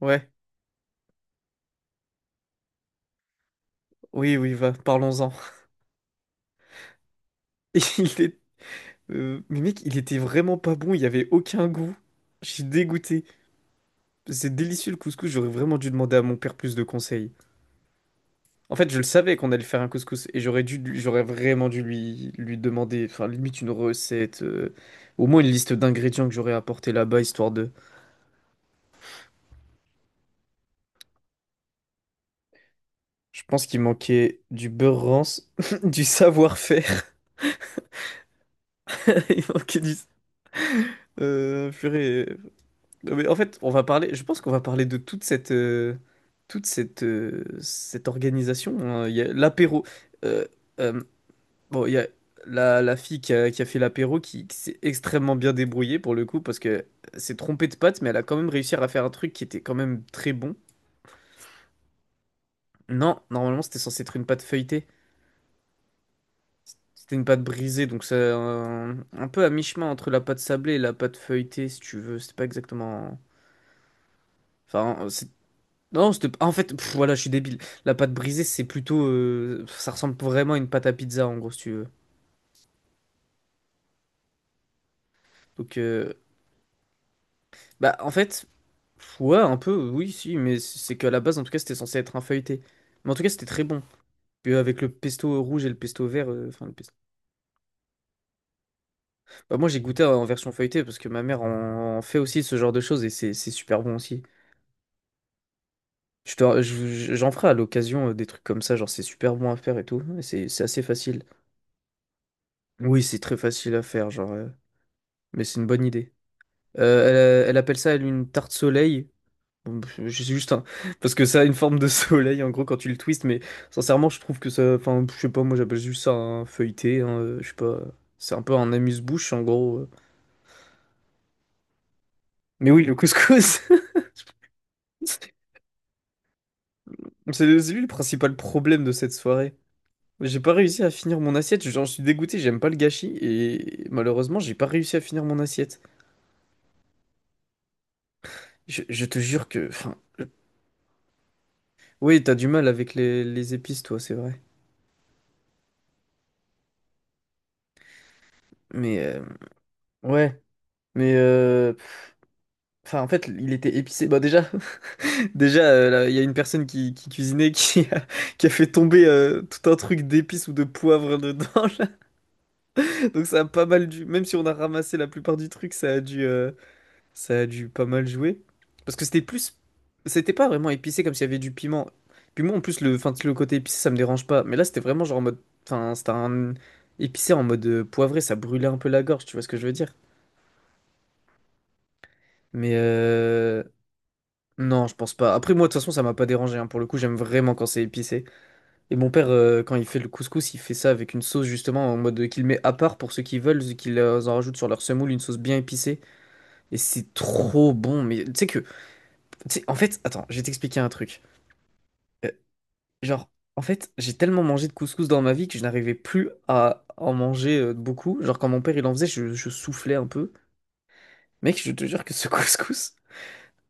Ouais, oui, oui, va, parlons-en. Et Il est... mais mec, il était vraiment pas bon, il y avait aucun goût. Je suis dégoûté. C'est délicieux le couscous, j'aurais vraiment dû demander à mon père plus de conseils. En fait, je le savais qu'on allait faire un couscous et j'aurais dû, j'aurais vraiment dû lui demander, enfin, limite une recette, au moins une liste d'ingrédients que j'aurais apporté là-bas, histoire de. Je pense qu'il manquait du beurre rance, du savoir-faire, il manquait du. Purée. Non, mais en fait, on va parler, je pense qu'on va parler de toute cette, cette organisation, hein. Il y a l'apéro. euh, euh, bon, il y a la fille qui a fait l'apéro qui s'est extrêmement bien débrouillée pour le coup parce que s'est trompée de pâte, mais elle a quand même réussi à faire un truc qui était quand même très bon. Non, normalement, c'était censé être une pâte feuilletée. C'était une pâte brisée, donc c'est un peu à mi-chemin entre la pâte sablée et la pâte feuilletée, si tu veux. C'était pas exactement. Enfin, c'est- Non, c'était... En fait, voilà, je suis débile. La pâte brisée, c'est plutôt... ça ressemble vraiment à une pâte à pizza, en gros, si tu veux. Donc, bah, en fait, ouais, un peu, oui, si, mais c'est qu'à la base, en tout cas, c'était censé être un feuilleté. Mais en tout cas, c'était très bon. Puis avec le pesto rouge et le pesto vert, enfin, le pesto... Bah, moi, j'ai goûté en version feuilletée, parce que ma mère en, en fait aussi ce genre de choses, et c'est super bon aussi. J'en ferai à l'occasion des trucs comme ça, genre, c'est super bon à faire et tout, et c'est assez facile. Oui, c'est très facile à faire, genre, mais c'est une bonne idée. Elle appelle ça, elle, une tarte soleil. Bon, je sais juste un... Parce que ça a une forme de soleil, en gros, quand tu le twistes, mais sincèrement, je trouve que ça... Enfin, je sais pas, moi, j'appelle juste ça un feuilleté, hein, je sais pas... C'est un peu un amuse-bouche, en gros, Mais oui, le couscous! C'est lui le principal problème de cette soirée. J'ai pas réussi à finir mon assiette, j'en suis dégoûté, j'aime pas le gâchis, et malheureusement, j'ai pas réussi à finir mon assiette. Je te jure que... Enfin... Oui, t'as du mal avec les épices, toi, c'est vrai. Mais... Ouais. Mais enfin, en fait, il était épicé. Bah déjà, déjà, là, il y a une personne qui cuisinait qui a fait tomber tout un truc d'épices ou de poivre dedans, là. Donc ça a pas mal dû. Même si on a ramassé la plupart du truc, ça a dû pas mal jouer. Parce que c'était plus, c'était pas vraiment épicé comme s'il y avait du piment. Puis moi, en plus, enfin, le côté épicé, ça me dérange pas. Mais là, c'était vraiment genre en mode, enfin, c'était un épicé en mode poivré. Ça brûlait un peu la gorge. Tu vois ce que je veux dire? Mais euh, Non, je pense pas. Après, moi, de toute façon, ça m'a pas dérangé, hein. Pour le coup, j'aime vraiment quand c'est épicé. Et mon père, quand il fait le couscous, il fait ça avec une sauce, justement, en mode qu'il met à part pour ceux qui veulent, qu'ils en rajoutent sur leur semoule, une sauce bien épicée. Et c'est trop bon. Mais tu sais que. Tu sais, en fait, attends, je vais t'expliquer un truc. Euh, genre, en fait, j'ai tellement mangé de couscous dans ma vie que je n'arrivais plus à en manger beaucoup. Genre, quand mon père, il en faisait, je soufflais un peu. Mec, je te jure que ce couscous.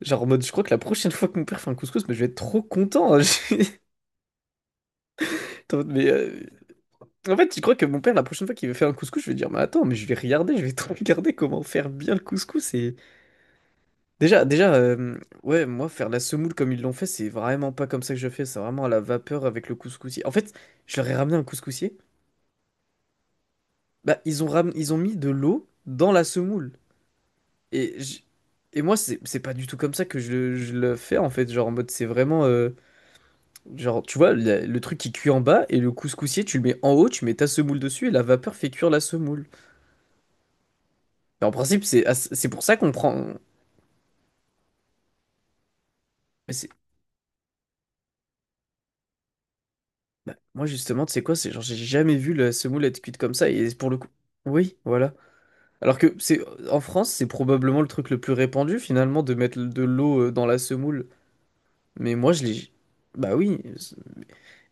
Genre, en mode, je crois que la prochaine fois que mon père fait un couscous, mais je vais être trop content, hein. Attends, mais en fait, je crois que mon père, la prochaine fois qu'il veut faire un couscous, je vais dire, mais attends, mais je vais regarder, je vais te regarder comment faire bien le couscous. Et déjà, déjà, ouais, moi, faire la semoule comme ils l'ont fait, c'est vraiment pas comme ça que je fais. C'est vraiment à la vapeur avec le couscousier. En fait, je leur ai ramené un couscousier. Bah, ils ont ram... ils ont mis de l'eau dans la semoule. Et et moi, c'est pas du tout comme ça que je le fais en fait. Genre en mode, c'est vraiment, genre, tu vois, le truc qui cuit en bas et le couscousier, tu le mets en haut, tu mets ta semoule dessus et la vapeur fait cuire la semoule. Mais en principe, c'est ah, c'est pour ça qu'on prend. mais c'est- bah, moi, justement, tu sais quoi, c'est genre, j'ai jamais vu la semoule être cuite comme ça, et pour le coup. Oui, voilà. Alors que c'est en France, c'est probablement le truc le plus répandu, finalement, de mettre de l'eau dans la semoule. Mais moi, je l'ai. Bah oui. c'est-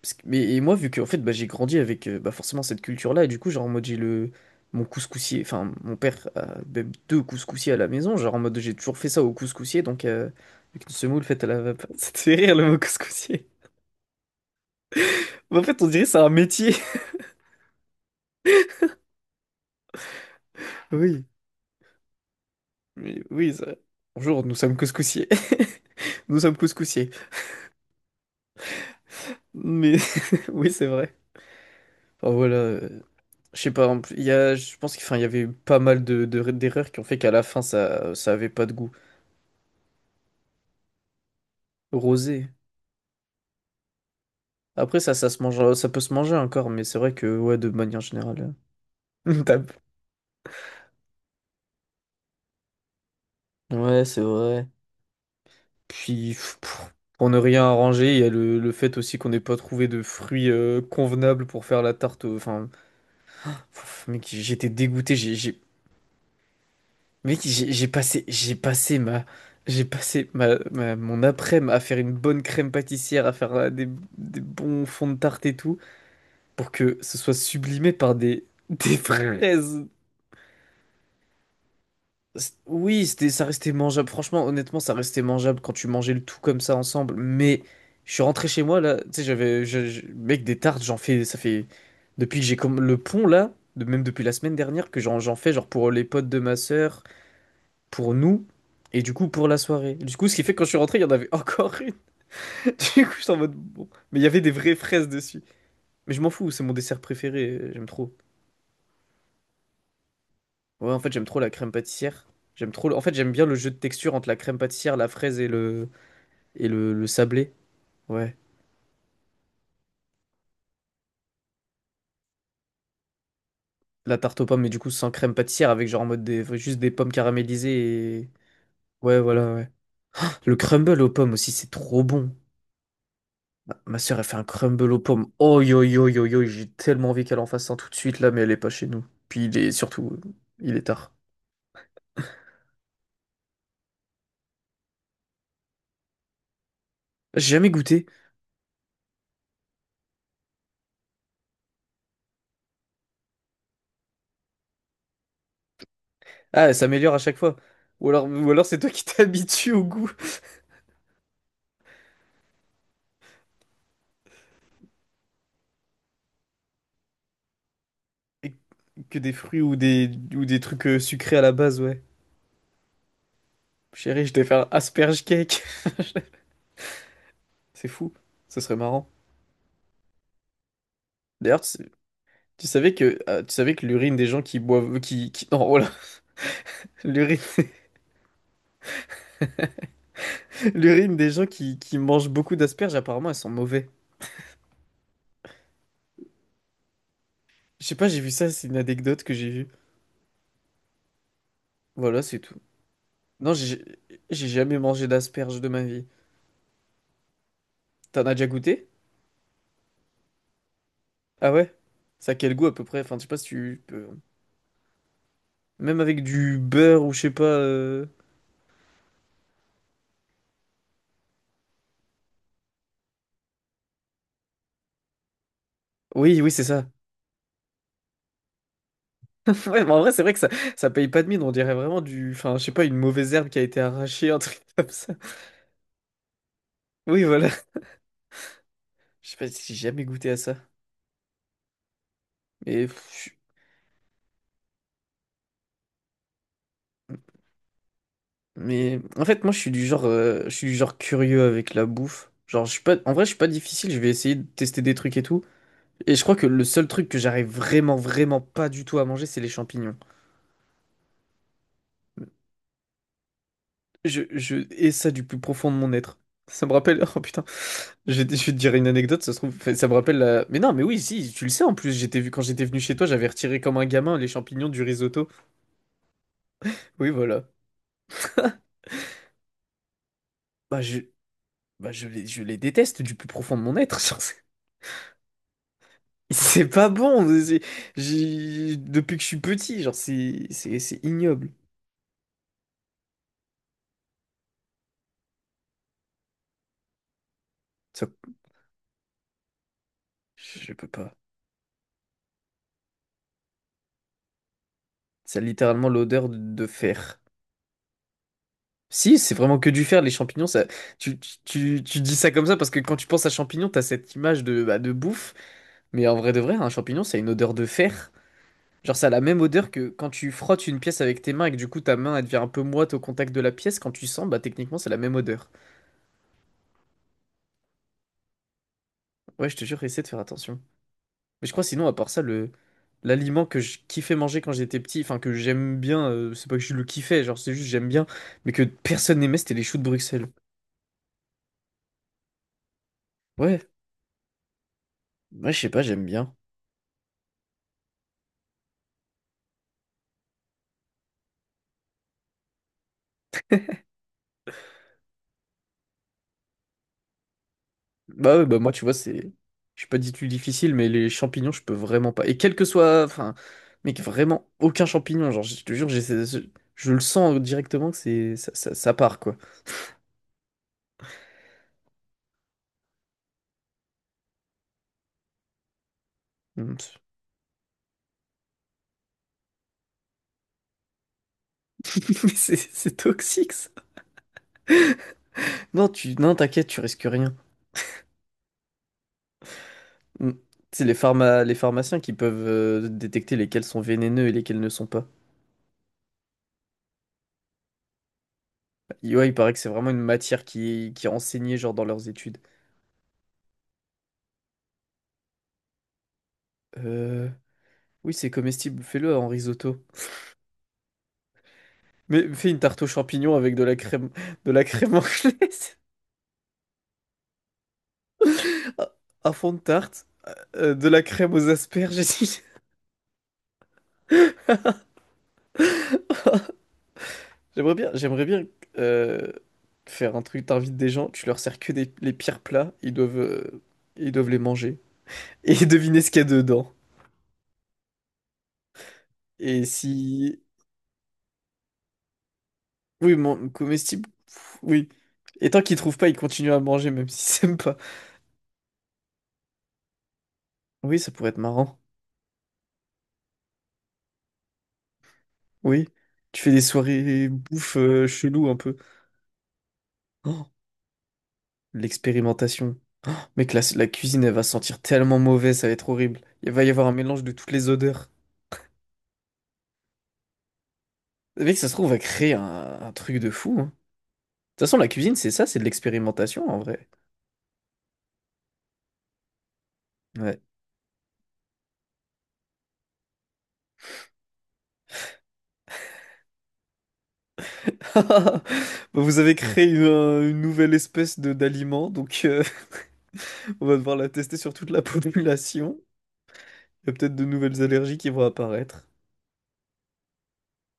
parce que- Mais et moi, vu que en fait, bah, j'ai grandi avec bah, forcément cette culture-là, et du coup, genre, en mode, j'ai le. Mon couscoussier, enfin, mon père a même deux couscoussiers à la maison, genre en mode, j'ai toujours fait ça au couscoussier, donc. Avec une semoule faite à la vapeur. Ça te fait rire le mot couscoussier. Mais en fait, on dirait que c'est un métier. Oui, oui, oui. Bonjour, nous sommes couscoussiers. Nous sommes couscoussiers. Mais oui, c'est vrai. Enfin, voilà. Je sais pas, en plus, il y a, je pense qu'il enfin, il y avait eu pas mal d'erreurs qui ont fait qu'à la fin, ça avait pas de goût. Rosé. Après, ça se mange, ça peut se manger encore, mais c'est vrai que, ouais, de manière générale. euh, t'as- Ouais, c'est vrai. Puis, pour ne rien arranger, il y a le fait aussi qu'on n'ait pas trouvé de fruits convenables pour faire la tarte. Enfin, Mec, j'étais dégoûté. Mec, j'ai passé, Mon après-midi à faire une bonne crème pâtissière, à faire des bons fonds de tarte et tout, pour que ce soit sublimé par des, des fraises. Oui, c'était, ça restait mangeable. Franchement, honnêtement, ça restait mangeable quand tu mangeais le tout comme ça ensemble. Mais je suis rentré chez moi là. Tu sais, j'avais, mec, des tartes, j'en fais, ça fait depuis que j'ai comme le pont là, de, même depuis la semaine dernière que j'en fais genre pour les potes de ma sœur pour nous et du coup pour la soirée. Du coup, ce qui fait que quand je suis rentré, il y en avait encore une. Du coup, j'étais en mode bon. Mais il y avait des vraies fraises dessus. Mais je m'en fous, c'est mon dessert préféré, j'aime trop. Ouais, en fait, j'aime trop la crème pâtissière. J'aime trop. En fait, j'aime bien le jeu de texture entre la crème pâtissière, la fraise et le sablé. Ouais. La tarte aux pommes, mais du coup sans crème pâtissière, avec genre en mode des... juste des pommes caramélisées et. Ouais, voilà, ouais. Le crumble aux pommes aussi, c'est trop bon. Ma sœur, elle fait un crumble aux pommes. Oh yo yo yo yo, j'ai tellement envie qu'elle en fasse un tout de suite là, mais elle est pas chez nous. Puis il est surtout, il est tard. J'ai jamais goûté. Ah, elle s'améliore à chaque fois. Ou alors c'est toi qui t'habitues au goût. Et que des fruits ou ou des trucs sucrés à la base, ouais. Chérie, je vais faire un asperge cake. C'est fou. Ça serait marrant. D'ailleurs, tu savais que, l'urine des gens qui boivent, non, voilà, l'urine, l'urine des gens qui mangent beaucoup d'asperges, apparemment, elles sont mauvaises. Je sais pas, j'ai vu ça, c'est une anecdote que j'ai vue. Voilà, c'est tout. Non, j'ai jamais mangé d'asperges de ma vie. T'en as déjà goûté? Ah ouais? Ça a quel goût à peu près? Enfin, je sais pas si tu peux... Même avec du beurre ou je sais pas... Oui, oui, c'est ça. Ouais, mais en vrai, c'est vrai que ça paye pas de mine, on dirait vraiment du... Enfin, je sais pas, une mauvaise herbe qui a été arrachée, un truc comme ça. Oui, voilà. Je sais pas si j'ai jamais goûté à ça. Mais... pff, je- Mais... En fait, moi, je suis du genre... je suis du genre curieux avec la bouffe. Genre, je suis pas... En vrai, je suis pas difficile, je vais essayer de tester des trucs et tout. Et je crois que le seul truc que j'arrive vraiment, vraiment pas du tout à manger, c'est les champignons. Je hais ça du plus profond de mon être. Ça me rappelle, oh putain, je vais te dire une anecdote, ça se trouve, enfin, ça me rappelle la... Mais non, mais oui, si, tu le sais en plus, j'étais vu quand j'étais venu chez toi, j'avais retiré comme un gamin les champignons du risotto. Oui, voilà. Bah je, bah, je les déteste du plus profond de mon être. Genre, c'est pas bon. C'est- j'ai- depuis que je suis petit, genre c'est ignoble. Ça- je peux pas. Ça a littéralement l'odeur de fer. Si, c'est vraiment que du fer, les champignons, ça... tu dis ça comme ça parce que quand tu penses à champignons, t'as cette image de, bah, de bouffe, mais en vrai de vrai, un champignon, ça a une odeur de fer. Genre, ça a la même odeur que quand tu frottes une pièce avec tes mains et que du coup ta main elle devient un peu moite au contact de la pièce, quand tu sens, bah techniquement c'est la même odeur. Ouais, je te jure, essaie de faire attention. Mais je crois sinon, à part ça, le l'aliment que je kiffais manger quand j'étais petit, enfin que j'aime bien, c'est pas que je le kiffais, genre c'est juste j'aime bien, mais que personne n'aimait, c'était les choux de Bruxelles. Ouais, ouais, je sais pas, j'aime bien. Bah ouais, bah moi tu vois, c'est. Je suis pas dit plus difficile, mais les champignons, je peux vraiment pas. Et quel que soit. Enfin, mec, vraiment aucun champignon. Genre, je te jure, j'ai ce- je le sens directement que c'est. Ça part, quoi. Mm. Mais c'est toxique, ça. Non, tu... non, t'inquiète, tu risques rien. Mm. C'est les pharma... les pharmaciens qui peuvent détecter lesquels sont vénéneux et lesquels ne sont pas. Et ouais, il paraît que c'est vraiment une matière qui est enseignée, genre, dans leurs études. Euh... Oui, c'est comestible, fais-le en risotto. Mais fais une tarte aux champignons avec de la crème anglaise, un un fond de tarte, de la crème aux asperges. Et tout. J'aimerais bien euh, faire un truc. T'invites des gens, tu leur sers que des- les pires plats, ils doivent les manger et deviner ce qu'il y a dedans. Et si, oui, mon comestible, pff, oui. Et tant qu'ils trouvent pas, ils continuent à manger même s'ils aiment pas. Oui, ça pourrait être marrant. Oui, tu fais des soirées bouffe chelou un peu. Oh. L'expérimentation. Oh, mec, la cuisine, elle va sentir tellement mauvais, ça va être horrible. Il va y avoir un mélange de toutes les odeurs. Mec, ça se trouve, on va créer un truc de fou, hein. De toute façon, la cuisine, c'est ça, c'est de l'expérimentation en vrai. Ouais. Bah, vous avez créé une nouvelle espèce de d'aliment, donc on va devoir la tester sur toute la population. Il y a peut-être de nouvelles allergies qui vont apparaître.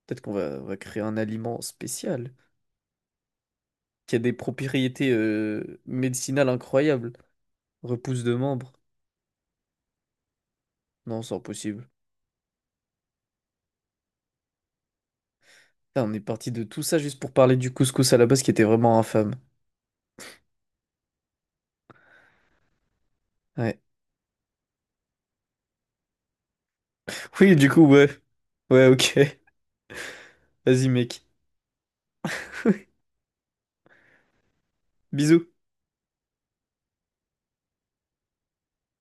Peut-être qu'on va, on va créer un aliment spécial qui a des propriétés médicinales incroyables. Repousse de membres. Non, c'est impossible. Putain, on est parti de tout ça juste pour parler du couscous à la base qui était vraiment infâme. Ouais. Oui, du coup, ouais. Ouais, ok. Vas-y, mec. Bisous.